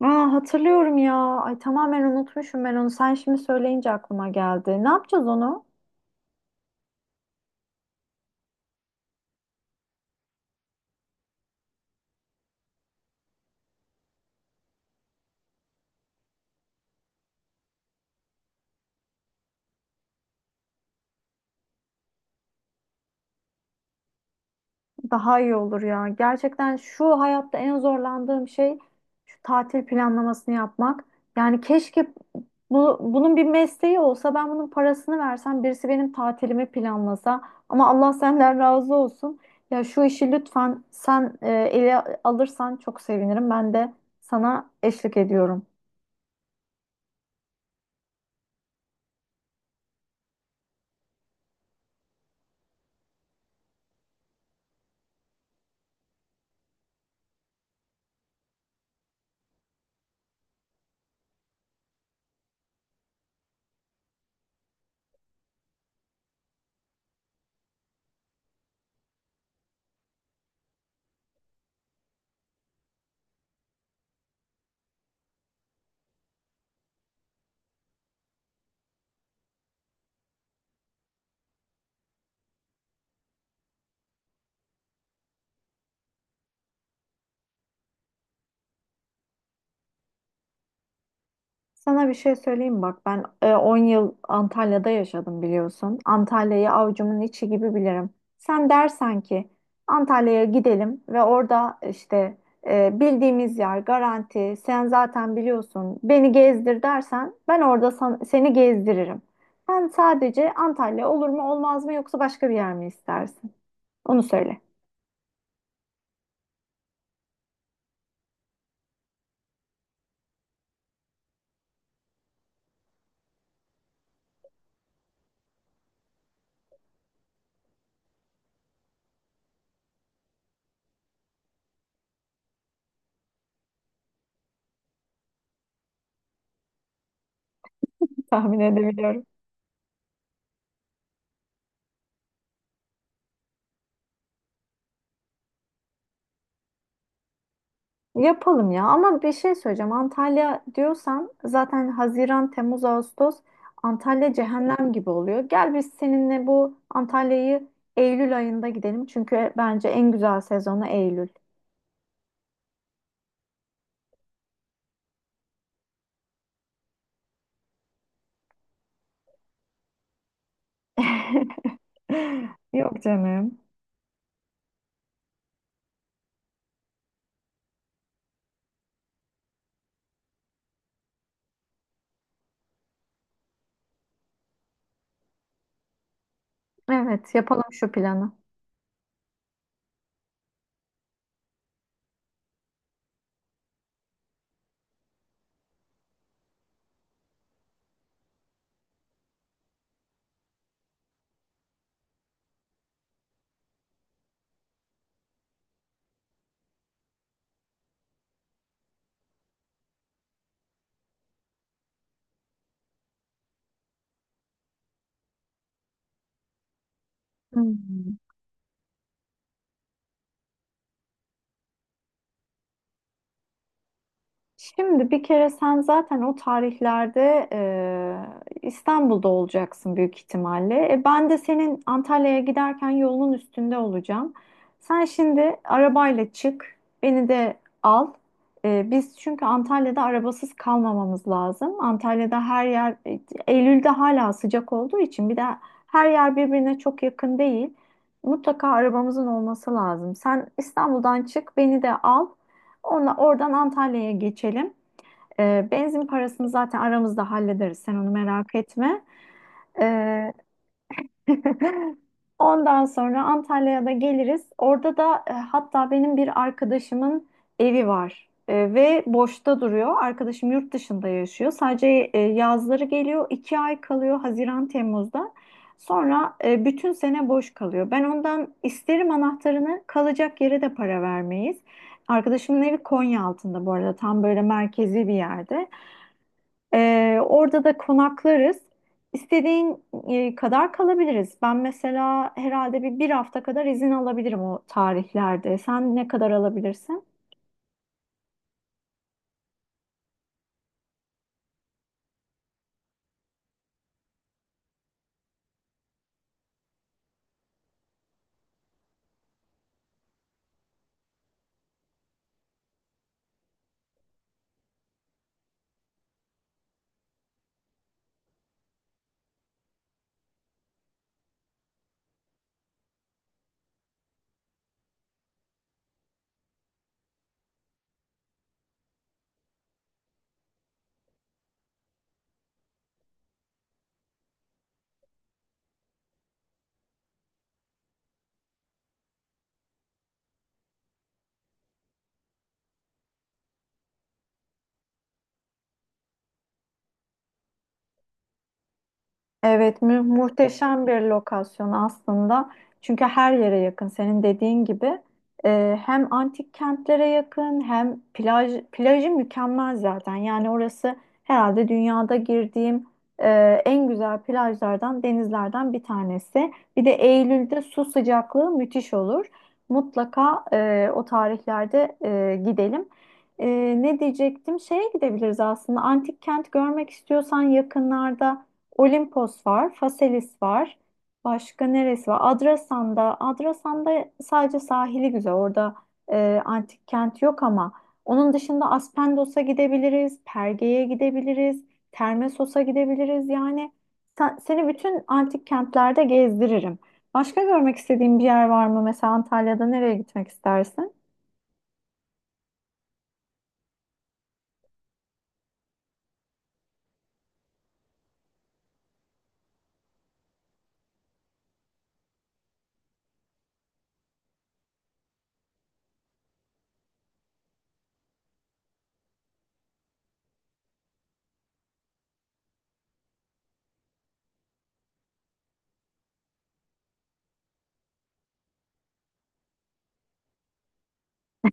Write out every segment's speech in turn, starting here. Aa, hatırlıyorum ya. Ay tamamen unutmuşum ben onu. Sen şimdi söyleyince aklıma geldi. Ne yapacağız onu? Daha iyi olur ya. Gerçekten şu hayatta en zorlandığım şey şu tatil planlamasını yapmak. Yani keşke bunun bir mesleği olsa ben bunun parasını versem birisi benim tatilimi planlasa. Ama Allah senden razı olsun. Ya şu işi lütfen sen ele alırsan çok sevinirim. Ben de sana eşlik ediyorum. Sana bir şey söyleyeyim bak ben 10 yıl Antalya'da yaşadım biliyorsun. Antalya'yı avucumun içi gibi bilirim. Sen dersen ki Antalya'ya gidelim ve orada işte bildiğimiz yer garanti sen zaten biliyorsun beni gezdir dersen ben orada seni gezdiririm. Sen sadece Antalya olur mu olmaz mı yoksa başka bir yer mi istersin? Onu söyle. Tahmin edebiliyorum. Yapalım ya ama bir şey söyleyeceğim. Antalya diyorsan zaten Haziran, Temmuz, Ağustos Antalya cehennem gibi oluyor. Gel biz seninle bu Antalya'yı Eylül ayında gidelim. Çünkü bence en güzel sezonu Eylül. Yok canım. Evet, yapalım şu planı. Hmm. Şimdi bir kere sen zaten o tarihlerde İstanbul'da olacaksın büyük ihtimalle. E, ben de senin Antalya'ya giderken yolun üstünde olacağım. Sen şimdi arabayla çık, beni de al. E, biz çünkü Antalya'da arabasız kalmamamız lazım. Antalya'da her yer, Eylül'de hala sıcak olduğu için bir de her yer birbirine çok yakın değil. Mutlaka arabamızın olması lazım. Sen İstanbul'dan çık, beni de al. Ona, oradan Antalya'ya geçelim. Benzin parasını zaten aramızda hallederiz. Sen onu merak etme. Ee, Ondan sonra Antalya'ya da geliriz. Orada da hatta benim bir arkadaşımın evi var. E, ve boşta duruyor. Arkadaşım yurt dışında yaşıyor. Sadece yazları geliyor, iki ay kalıyor Haziran, Temmuz'da. Sonra bütün sene boş kalıyor. Ben ondan isterim anahtarını, kalacak yere de para vermeyiz. Arkadaşımın evi Konya altında bu arada tam böyle merkezi bir yerde. Orada da konaklarız. İstediğin kadar kalabiliriz. Ben mesela herhalde bir hafta kadar izin alabilirim o tarihlerde. Sen ne kadar alabilirsin? Evet, muhteşem bir lokasyon aslında. Çünkü her yere yakın. Senin dediğin gibi hem antik kentlere yakın hem plajı mükemmel zaten. Yani orası herhalde dünyada girdiğim e, en güzel plajlardan, denizlerden bir tanesi. Bir de Eylül'de su sıcaklığı müthiş olur. Mutlaka o tarihlerde gidelim. E, ne diyecektim? Şeye gidebiliriz aslında. Antik kent görmek istiyorsan yakınlarda. Olimpos var, Faselis var. Başka neresi var? Adrasan'da sadece sahili güzel. Orada antik kent yok ama onun dışında Aspendos'a gidebiliriz, Perge'ye gidebiliriz, Termessos'a gidebiliriz. Yani seni bütün antik kentlerde gezdiririm. Başka görmek istediğin bir yer var mı? Mesela Antalya'da nereye gitmek istersin?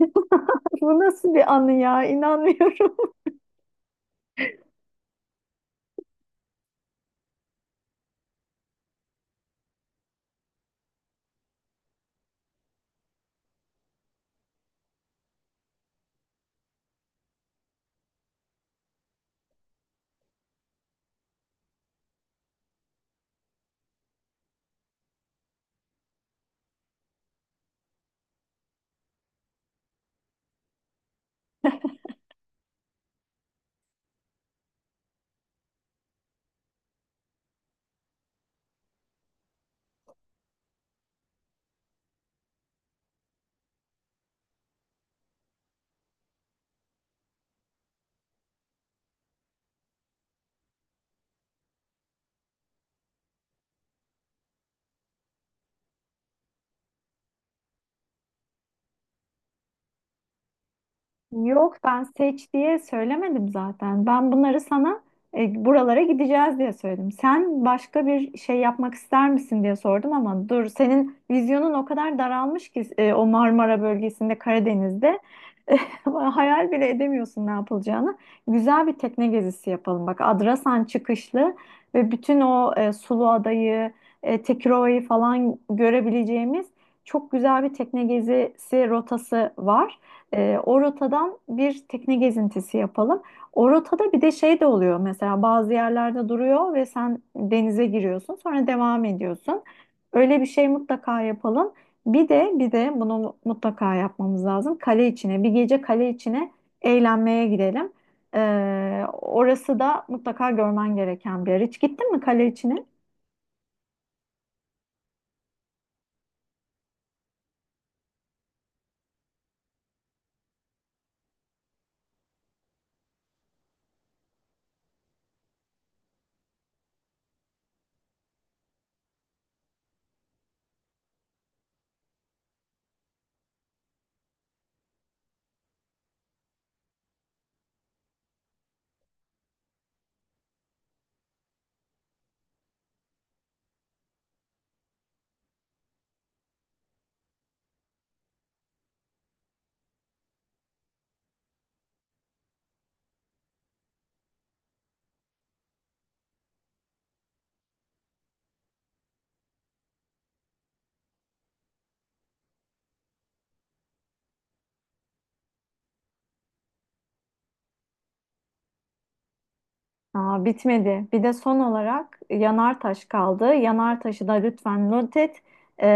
Bu nasıl bir anı ya? İnanmıyorum. Yok, ben seç diye söylemedim zaten. Ben bunları sana buralara gideceğiz diye söyledim. Sen başka bir şey yapmak ister misin diye sordum ama dur, senin vizyonun o kadar daralmış ki o Marmara bölgesinde Karadeniz'de hayal bile edemiyorsun ne yapılacağını. Güzel bir tekne gezisi yapalım. Bak Adrasan çıkışlı ve bütün o Suluada'yı, Tekirova'yı falan görebileceğimiz çok güzel bir tekne gezisi rotası var. O rotadan bir tekne gezintisi yapalım. O rotada bir de şey de oluyor, mesela bazı yerlerde duruyor ve sen denize giriyorsun sonra devam ediyorsun. Öyle bir şey mutlaka yapalım. Bir de bunu mutlaka yapmamız lazım. Kale içine bir gece, kale içine eğlenmeye gidelim. Orası da mutlaka görmen gereken bir yer. Hiç gittin mi kale içine? Aa, bitmedi. Bir de son olarak Yanartaş kaldı. Yanartaş'ı da lütfen not et.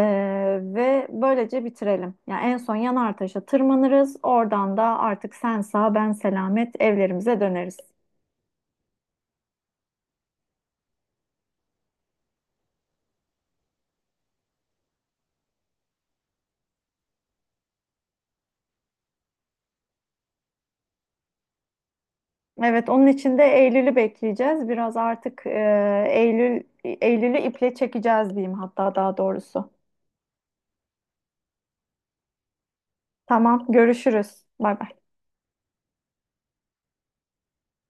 Ve böylece bitirelim. Yani en son Yanartaş'a tırmanırız. Oradan da artık sen sağ ben selamet evlerimize döneriz. Evet, onun için de Eylül'ü bekleyeceğiz. Biraz artık Eylül'ü iple çekeceğiz diyeyim, hatta daha doğrusu. Tamam, görüşürüz. Bay bay.